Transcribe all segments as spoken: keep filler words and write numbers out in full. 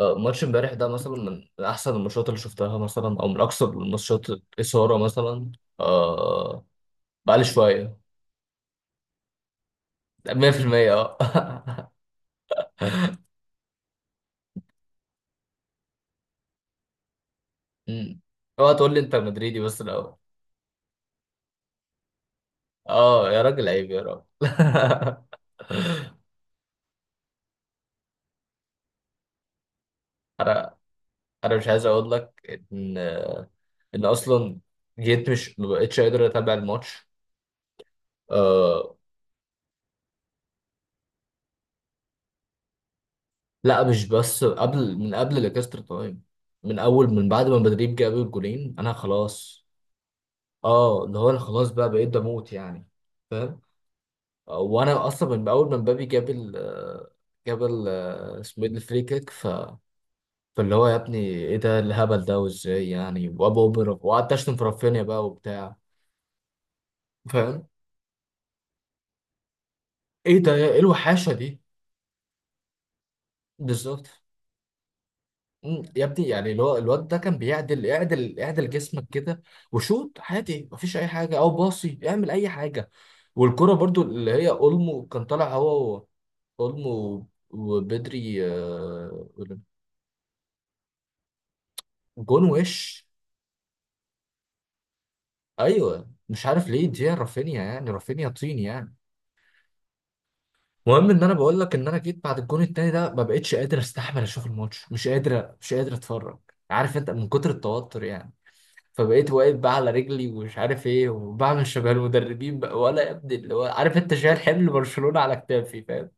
آه، ماتش امبارح ده مثلا من من احسن الماتشات اللي شفتها مثلا او من اكثر الماتشات اثاره مثلا. آه بقالي شويه مية في المية اه. أمم. اوعى تقول لي انت مدريدي بس الاول. اه يا راجل، عيب يا راجل. انا انا مش عايز اقول لك ان ان اصلا جيت، مش ما بقتش قادر اتابع الماتش. آه، لا مش بس قبل، من قبل الاكسترا تايم. من اول، من بعد ما مدريد جاب الجولين انا خلاص. اه اللي هو انا خلاص بقى بقيت بموت يعني، فاهم؟ آه، وانا اصلا من اول ما مبابي جاب ال آه، جاب ال آه، اسمه ايه ده، الفري كيك. ف فاللي هو يا ابني ايه ده الهبل ده، وازاي يعني، وابو اوبرا، وقعدت اشتم في رافينيا بقى وبتاع، فاهم؟ ايه ده، ايه الوحاشه دي؟ بالظبط. مم، يا ابني يعني اللي هو الواد ده كان بيعدل، اعدل اعدل جسمك كده، وشوط عادي مفيش اي حاجه او باصي اعمل اي حاجه. والكرة برضو اللي هي اولمو كان طالع هو و- اولمو وبدري آه، جون. وش؟ ايوه مش عارف ليه دي، رافينيا يعني، رافينيا طين يعني. المهم ان انا بقول لك ان انا جيت بعد الجون التاني ده ما بقتش قادر استحمل اشوف الماتش، مش قادر مش قادر اتفرج، عارف انت من كتر التوتر يعني. فبقيت واقف بقى على رجلي ومش عارف ايه، وبعمل شبه المدربين بقى، ولا يا ابني اللي هو عارف انت، شايل حمل برشلونة على كتافي، فاهم؟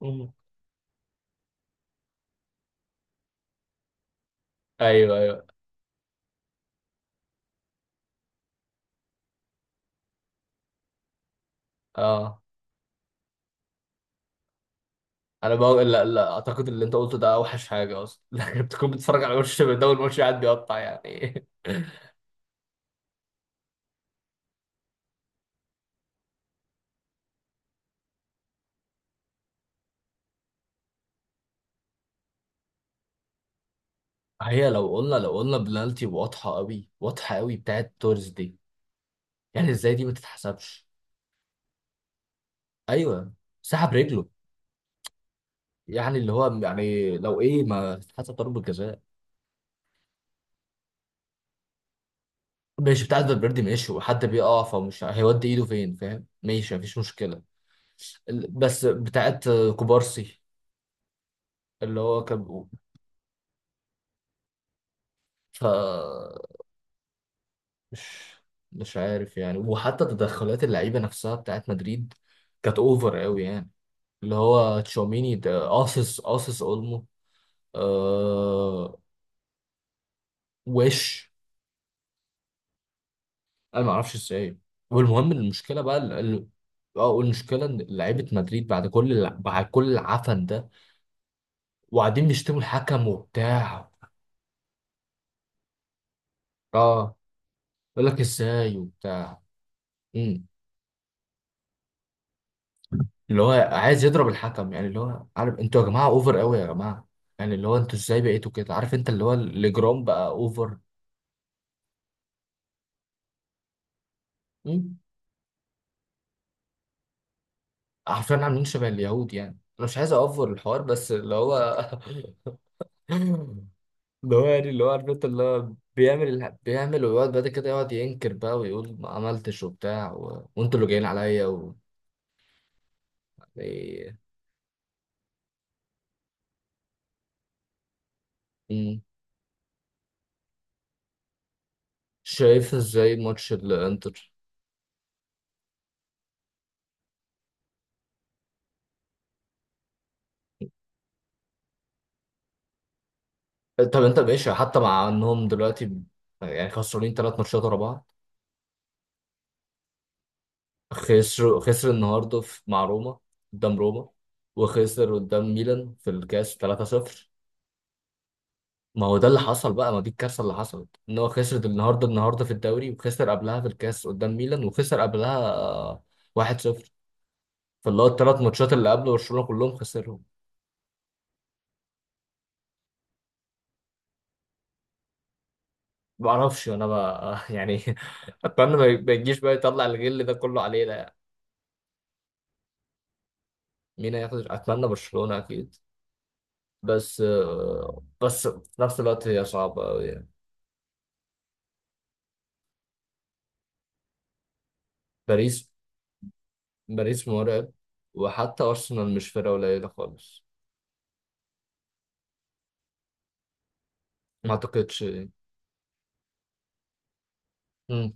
مم. ايوه ايوه. اه انا بقول لا، لا اعتقد اللي انت قلته ده اوحش حاجه اصلا، لكن بتكون بتتفرج على وش ده والوش قاعد بيقطع يعني. هي لو قلنا، لو قلنا بلالتي واضحه قوي، واضحه قوي بتاعت تورز دي، يعني ازاي دي ما تتحسبش؟ ايوه، سحب رجله، يعني اللي هو يعني لو ايه ما تتحسب ضربه جزاء؟ ماشي، بتاعت فالفيردي ماشي، وحد بيقع فمش هيودي ايده فين، فاهم، ماشي، مفيش مشكله. ال- بس بتاعت كوبارسي اللي هو كان. ف مش مش عارف يعني. وحتى تدخلات اللعيبه نفسها بتاعت مدريد كانت اوفر قوي يعني، اللي هو تشاوميني ده قاصص قاصص اولمو. آه وش؟ انا ما اعرفش ازاي. والمهم المشكله بقى ال- ال- اه المشكله ان لعيبه مدريد بعد كل الع- بعد كل العفن ده، وقاعدين بيشتموا الحكم وبتاع. اه يقول لك ازاي وبتاع، اللي هو عايز يضرب الحكم يعني، اللي هو عارف انتوا يا جماعه اوفر قوي يا جماعه، يعني اللي هو انتوا ازاي بقيتوا كده؟ عارف انت اللي هو الاجرام بقى اوفر. مم. عارفين عاملين شبه اليهود يعني، انا مش عايز اوفر الحوار بس اللي هو اللي هو يعني اللي هو عارف انت اللي هو بيعمل الح- بيعمل، ويقعد بعد كده يقعد ينكر بقى ويقول ما عملتش وبتاع، و... وانتوا اللي جايين عليا، و... يعني. مم. شايف ازاي ماتش الانتر؟ طب انت ماشي حتى مع انهم دلوقتي يعني خسرانين ثلاث ماتشات ورا بعض؟ خسروا، خسر النهارده في، مع روما، قدام روما، وخسر قدام ميلان في الكاس ثلاثة صفر. ما هو ده اللي حصل بقى، ما دي الكارثه اللي حصلت ان هو خسر النهارده، النهارده في الدوري، وخسر قبلها في الكاس قدام ميلان، وخسر قبلها آه، واحد صفر. فاللي هو الثلاث ماتشات اللي قبل برشلونه كلهم خسرهم. ما اعرفش انا بقى يعني، اتمنى ما ما يجيش بقى يطلع الغل ده كله علينا يعني. مين هياخد؟ اتمنى برشلونه اكيد، بس آه، بس في نفس الوقت هي صعبه قوي يعني. باريس، باريس مرعب. وحتى أرسنال مش فرقة قليلة خالص. ما أعتقدش. مم.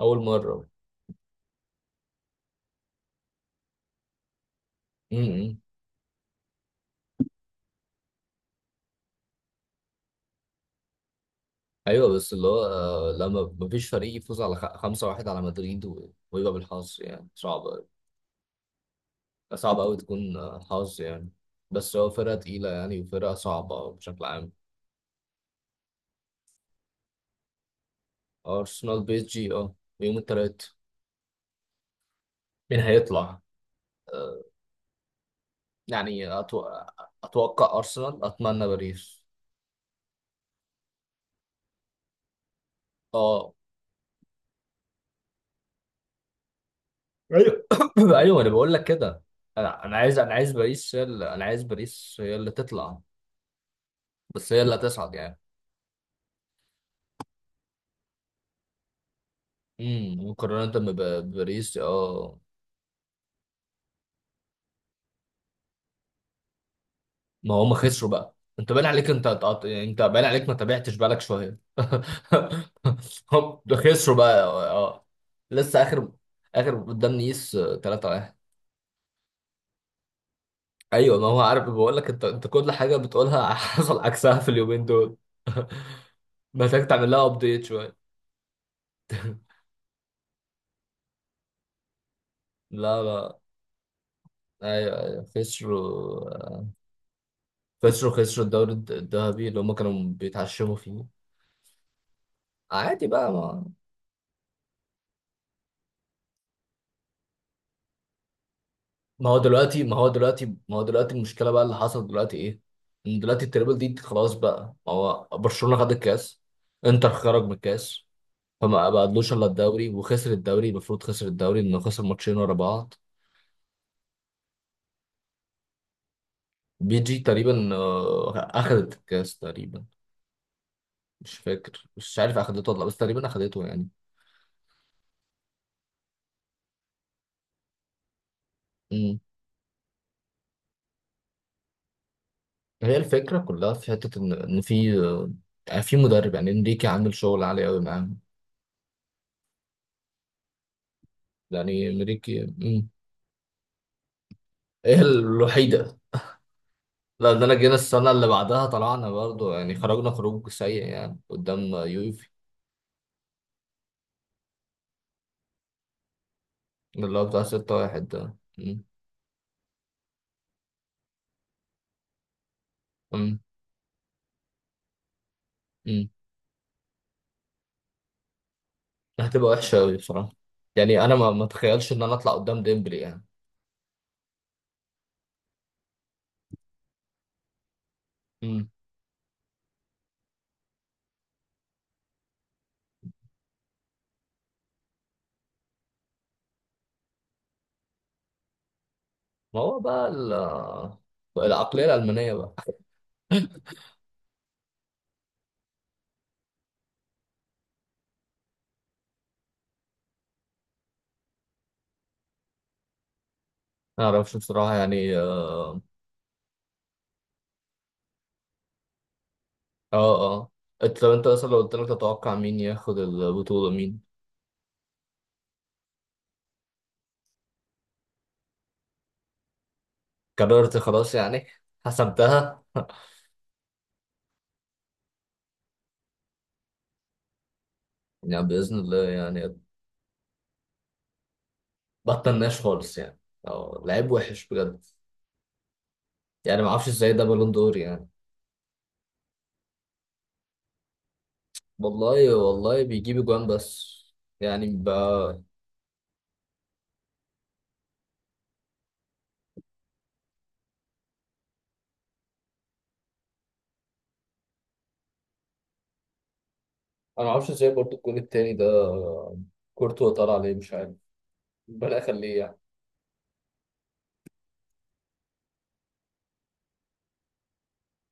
أول مرة. مم. أيوه بس اللي هو آه، لما مفيش فريق يفوز على خ- خمسة واحد على مدريد و- ويبقى بالحظ، يعني صعب أوي. صعب أوي تكون آه، حظ يعني. بس هو فرقة تقيلة يعني وفرقة صعبة بشكل عام. أرسنال، بي إس جي، أه يوم التلات. مين هيطلع؟ آه، يعني أتو... أتوقع أرسنال، أتمنى باريس. أه ايوه. ايوه انا بقول لك كده، انا انا عايز، انا عايز باريس هي اللي، انا عايز باريس هي اللي تطلع. بس هي اللي هتصعد يعني. امم مقارنه بب- بباريس اه. ما هم خسروا بقى، انت باين عليك، انت انت انت باين عليك ما تابعتش بالك شويه. هم ده خسروا بقى اه. لسه اخر، اخر قدام نيس ثلاثة واحد. ايوه، ما هو عارف، بقول لك انت انت كل حاجه بتقولها حصل عكسها في اليومين دول. محتاج تعمل لها ابديت شويه. لا لا ايوه ايوه، خسروا، خسروا خسروا الدوري الد- الذهبي اللي هم كانوا بيتعشموا فيه. عادي بقى، ما ما هو دلوقتي ما هو دلوقتي ما هو دلوقتي المشكله بقى اللي حصل دلوقتي ايه؟ ان دلوقتي التريبل دي خلاص بقى، ما هو برشلونه خد الكاس، انتر خرج من الكاس، فما بقالوش الا الدوري، وخسر الدوري، المفروض خسر الدوري انه خسر ماتشين ورا بعض. بي جي تقريبا آه، اخذت الكاس تقريبا. مش فاكر، مش عارف اخدته ولا لأ، بس تقريبا اخدته. يعني هي الفكرة كلها في حتة إن إن في يعني في مدرب، يعني إنريكي عامل شغل عالي أوي معاهم. يعني إنريكي. مم. هي الوحيدة. لا ده أنا جينا السنة اللي بعدها، طلعنا برضو يعني، خرجنا خروج سيء يعني قدام يوفي، اللي هو بتاع ستة واحد ده. مم. مم. مم. هتبقى وحشة أوي بصراحة، يعني أنا ما ما أتخيلش إن أنا أطلع قدام ديمبلي يعني. مم. ما هو بقى ال- العقلية الألمانية بقى. ما أعرفش بصراحة يعني آه، اه اه انت لو، انت مثلا لو قلت لك تتوقع مين ياخد البطولة؟ مين؟ قررت خلاص يعني، حسبتها يعني بإذن الله يعني، بطلناش خالص يعني. اه لعيب وحش بجد، يعني ما اعرفش ازاي ده بالون دور يعني. والله، والله بيجيب اجوان بس، يعني ب... انا ما اعرفش ازاي برضو الجون التاني ده كورتوا طلع عليه مش عارف، ربنا يخليه يعني.